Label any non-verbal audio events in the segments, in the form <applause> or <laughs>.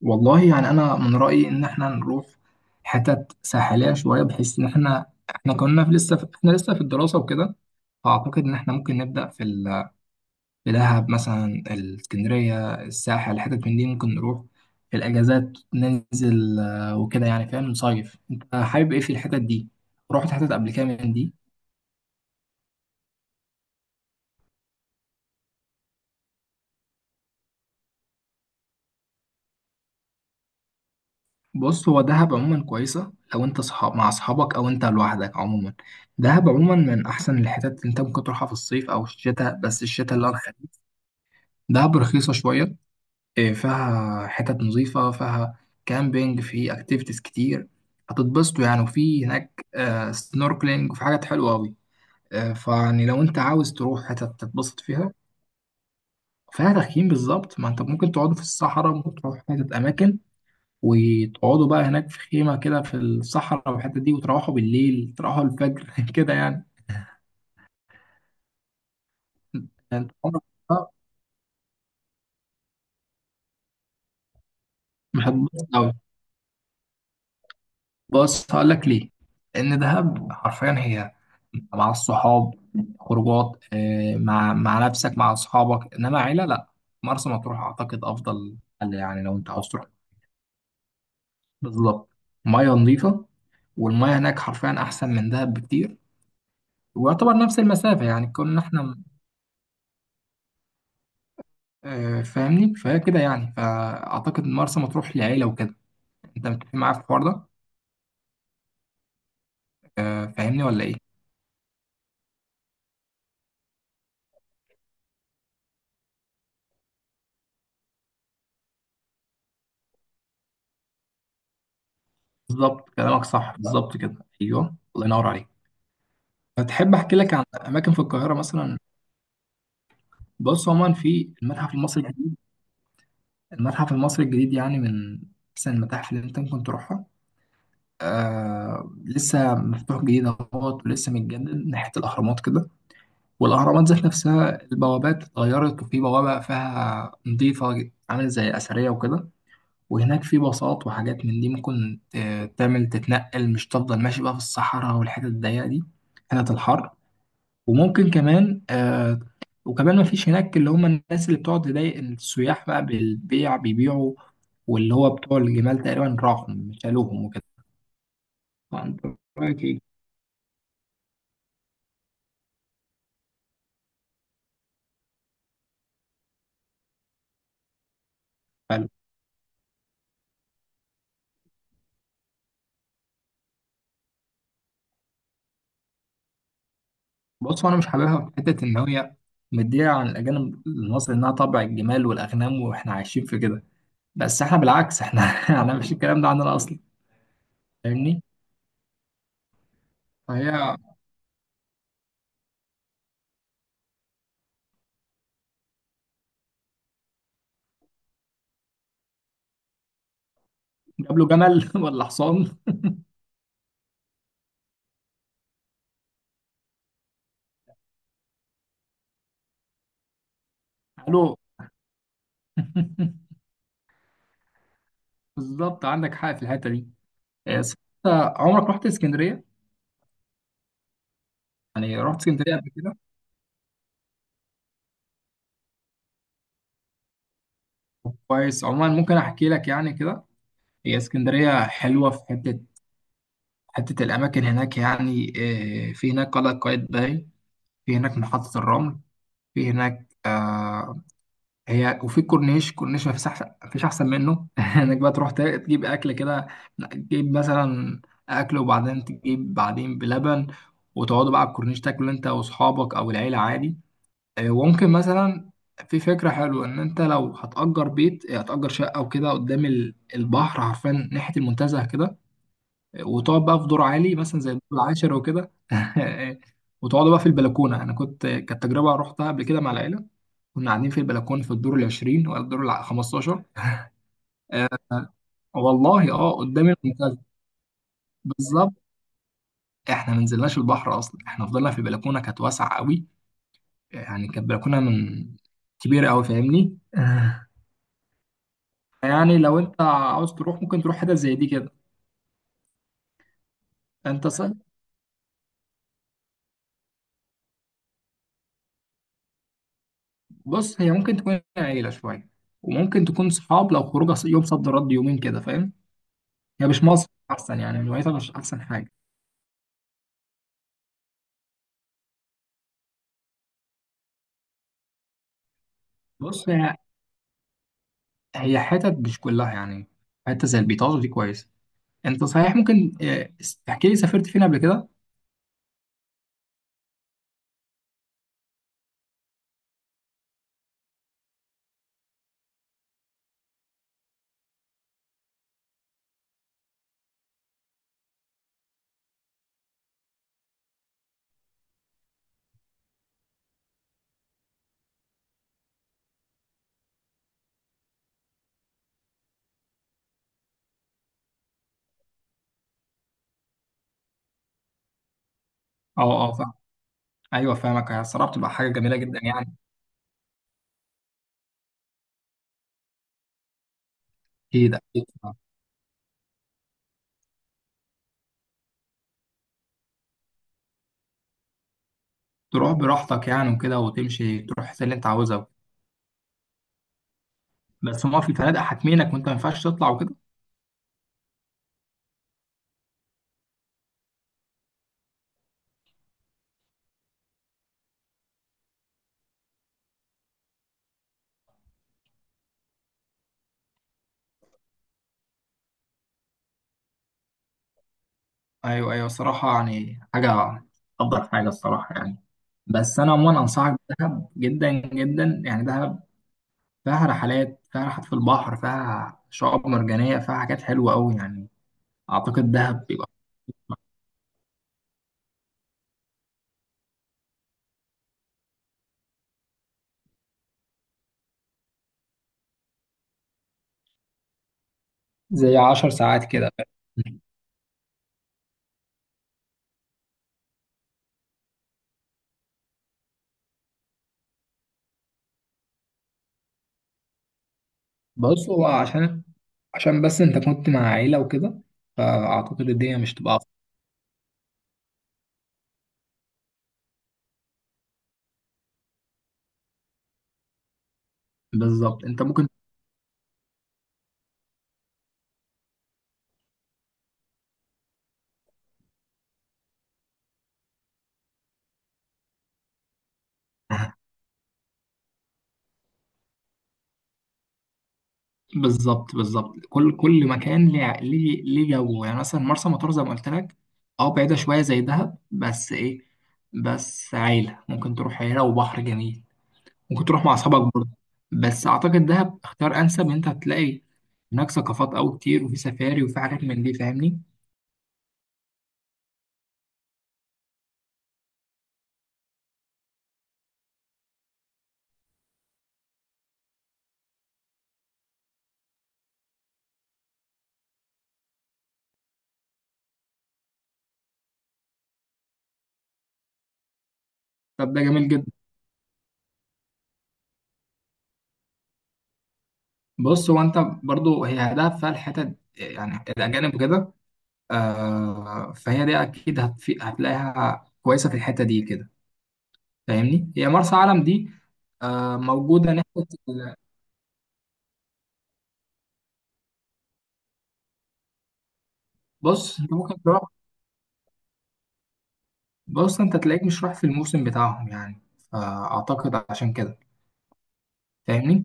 والله يعني انا من رايي ان احنا نروح حتت ساحليه شويه، بحيث ان احنا احنا كنا في لسه في احنا لسه في الدراسه وكده. فاعتقد ان احنا ممكن نبدا في في دهب مثلا، الاسكندريه، الساحل، حتت من دي ممكن نروح في الاجازات ننزل، وكده يعني. فاهم؟ نصيف انت حابب ايه في الحتت دي؟ رحت حتت قبل كده من دي؟ بص، هو دهب عموما كويسة لو انت صحاب مع اصحابك او انت لوحدك. عموما دهب عموما من احسن الحتت اللي انت ممكن تروحها في الصيف او الشتاء، بس الشتاء اللي ارخص. دهب رخيصة شوية. إيه، فيها حتت نظيفة، فيها كامبينج، في اكتيفيتيز كتير. هتتبسطوا يعني. وفي هناك سنوركلينج، وفي حاجات حلوة أوي. فيعني لو انت عاوز تروح حتت تتبسط فيها. فيها تخييم، بالظبط، ما انت ممكن تقعد في الصحراء، ممكن تروح حتت اماكن وتقعدوا بقى هناك في خيمة كده في الصحراء والحتة دي، وتروحوا بالليل، تروحوا الفجر <laughs> كده يعني. يعني انت عمرك؟ آه، مش هتبص قوي. بص هقول لك ليه. لأن دهب حرفيا هي مع الصحاب خروجات. مع نفسك، مع أصحابك، إنما عيلة لأ. مرسى مطروح أعتقد أفضل حل، يعني لو أنت عاوز تروح. بالظبط. مية نظيفة، والمياه هناك حرفيا احسن من دهب بكتير. ويعتبر نفس المسافه، يعني كنا احنا. فاهمني؟ فهي كده يعني، فاعتقد إن مرسى مطروح للعيله وكده. انت متفق معايا في الحوار ده؟ فاهمني ولا ايه؟ بالظبط كلامك صح، بالظبط كده، ايوه، الله ينور عليك. فتحب احكي لك عن اماكن في القاهره مثلا؟ بص، عموما في المتحف المصري الجديد. المتحف المصري الجديد يعني من احسن المتاحف اللي انت ممكن تروحها. آه لسه مفتوح جديد اهوت، ولسه متجدد ناحيه الاهرامات كده. والاهرامات ذات نفسها البوابات اتغيرت، وفي بوابه فيها نظيفه عامله زي اثريه وكده. وهناك في باصات وحاجات من دي ممكن تعمل تتنقل، مش تفضل ماشي بقى في الصحراء والحتت الضيقة دي، حتت الحر. وممكن كمان آه. وكمان ما فيش هناك اللي هم الناس اللي بتقعد تضايق السياح بقى بالبيع، بيبيعوا، واللي هو بتوع الجمال تقريبا راحوا شالوهم وكده. فأنت رأيك إيه؟ حلو. بص أنا مش حاببها في حتة إن هي مدية عن الأجانب المصري إنها طبع الجمال والأغنام وإحنا عايشين في كده، بس إحنا بالعكس إحنا <laughs> إحنا مش الكلام ده عندنا أصلا. فاهمني؟ فهي. جاب له جمل <laughs> ولا حصان؟ قالوا <laughs> بالظبط عندك حق في الحته دي. آه، صح. انت عمرك رحت اسكندريه؟ يعني رحت اسكندريه قبل كده؟ كويس. عموما ممكن احكي لك يعني كده. هي اسكندريه حلوه في حته، حته الاماكن هناك يعني. في هناك قلعه قايتباي، في هناك محطه الرمل، في هناك هي. وفي الكورنيش، كورنيش ما فيش احسن، مفيش احسن منه <laughs> انك بقى تروح تجيب اكل كده، تجيب مثلا اكل، وبعدين تجيب بعدين بلبن، وتقعدوا بقى على الكورنيش تاكلوا انت واصحابك او العيله عادي. وممكن مثلا، في فكره حلوه ان انت لو هتأجر بيت، هتأجر شقه وكده قدام البحر، عارفين ناحيه المنتزه كده. وتقعد بقى في دور عالي مثلا زي الدور العاشر وكده <laughs> وتقعدوا بقى في البلكونه، انا كنت، كانت تجربه رحتها قبل كده مع العيله. كنا قاعدين في البلكونه في الدور العشرين، ولا الدور 15. والله اه، قدام المنتزه. بالظبط. احنا ما نزلناش البحر اصلا، احنا فضلنا في بلكونه كانت واسعه قوي. يعني كانت بلكونه من، كبيره قوي، فاهمني؟ <laughs> يعني لو انت عاوز تروح ممكن تروح حتت زي دي كده. انت صح. بص هي ممكن تكون عيله شويه، وممكن تكون صحاب لو خروجه يوم صد رد يومين كده، فاهم؟ هي مش مصر احسن، يعني الولايات مش احسن حاجه. بص هي، حتت مش كلها يعني. حته زي البيطاج دي كويس. انت صحيح ممكن، تحكي لي سافرت فين قبل كده؟ اه اه فاهم. ايوه فاهمك. هي الصراحه بتبقى حاجه جميله جدا يعني. اكيد اكيد. تروح براحتك يعني وكده، وتمشي تروح الحتة اللي انت عاوزها. بس هما في فنادق حاكمينك وانت ما ينفعش تطلع وكده. ايوه ايوه، الصراحه يعني حاجه، افضل حاجه الصراحه يعني. بس انا عموما انصحك بدهب جدا جدا، يعني دهب فيها رحلات، فيها رحلات في البحر، فيها شعاب مرجانية، فيها حاجات حلوة أوي يعني. أعتقد دهب بيبقى زي عشر ساعات كده. بص هو، عشان بس أنت كنت مع عيلة وكده، فأعتقد الدنيا مش تبقى أفضل. بالظبط أنت ممكن <laughs> بالظبط بالظبط، كل مكان ليه، ليه، ليه جو. يعني مثلا مرسى مطروح زي ما قلت لك. اه بعيدة شوية زي دهب، بس إيه، بس عيلة ممكن تروح، عيلة وبحر جميل. ممكن تروح مع اصحابك برضه. بس اعتقد دهب اختيار انسب، ان انت هتلاقي هناك ثقافات قوي كتير، وفي سفاري وفي حاجات من دي، فاهمني؟ طب ده جميل جدا. بص هو انت برضه هي دهب فيها الحتت يعني الاجانب كده. آه فهي دي اكيد هتلاقيها كويسه في الحته دي كده، فاهمني؟ هي مرسى علم دي، آه، موجوده ناحيه بص انت ممكن تروح، بص انت تلاقيك مش رايح في الموسم بتاعهم يعني، فاعتقد عشان كده. فاهمني؟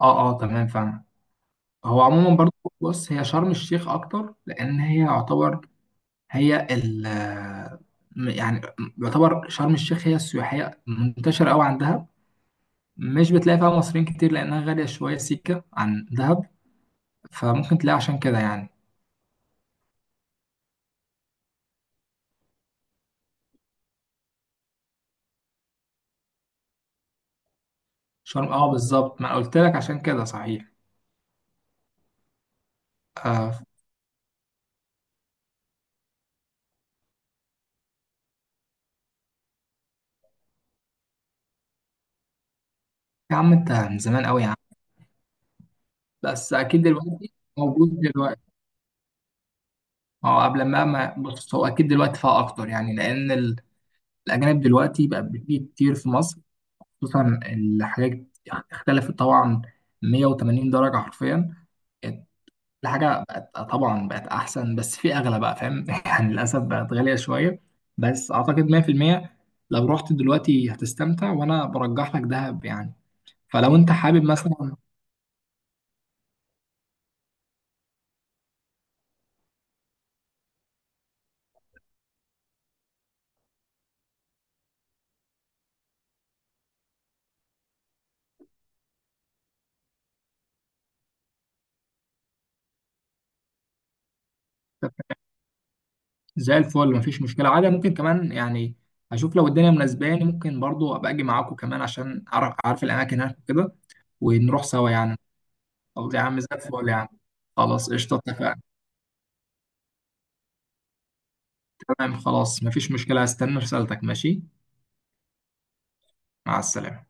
اه اه تمام فاهم. هو عموما برضو، بص هي شرم الشيخ اكتر لان هي يعتبر، هي ال يعني، يعتبر شرم الشيخ هي السياحيه منتشره قوي عن دهب. مش بتلاقي فيها مصريين كتير لانها غاليه شويه سيكه عن دهب، فممكن تلاقي عشان كده يعني. شرم اه بالظبط، ما أنا قلت لك عشان كده صحيح. آه. يا عم انت من زمان قوي يا عم. بس اكيد دلوقتي موجود دلوقتي. اه، قبل ما ما بص، هو اكيد دلوقتي فيها اكتر يعني، لان الاجانب دلوقتي بقى بتيجي كتير في مصر، خصوصا الحاجات يعني اختلفت طبعا 180 درجة حرفيا. كل حاجة بقت طبعا بقت أحسن، بس في أغلى بقى، فاهم؟ <laughs> يعني للأسف بقت غالية شوية، بس أعتقد 100% لو رحت دلوقتي هتستمتع، وأنا برجح لك دهب يعني. فلو أنت حابب مثلا. زي الفل مفيش مشكلة عادي، ممكن كمان يعني أشوف لو الدنيا مناسباني ممكن برضو أبقى أجي معاكم كمان، عشان أعرف، أعرف الأماكن هناك وكده، ونروح سوا يعني. طب يا عم زي الفل يعني. خلاص قشطة اتفقنا. تمام خلاص مفيش مشكلة، هستنى رسالتك، ماشي، مع السلامة.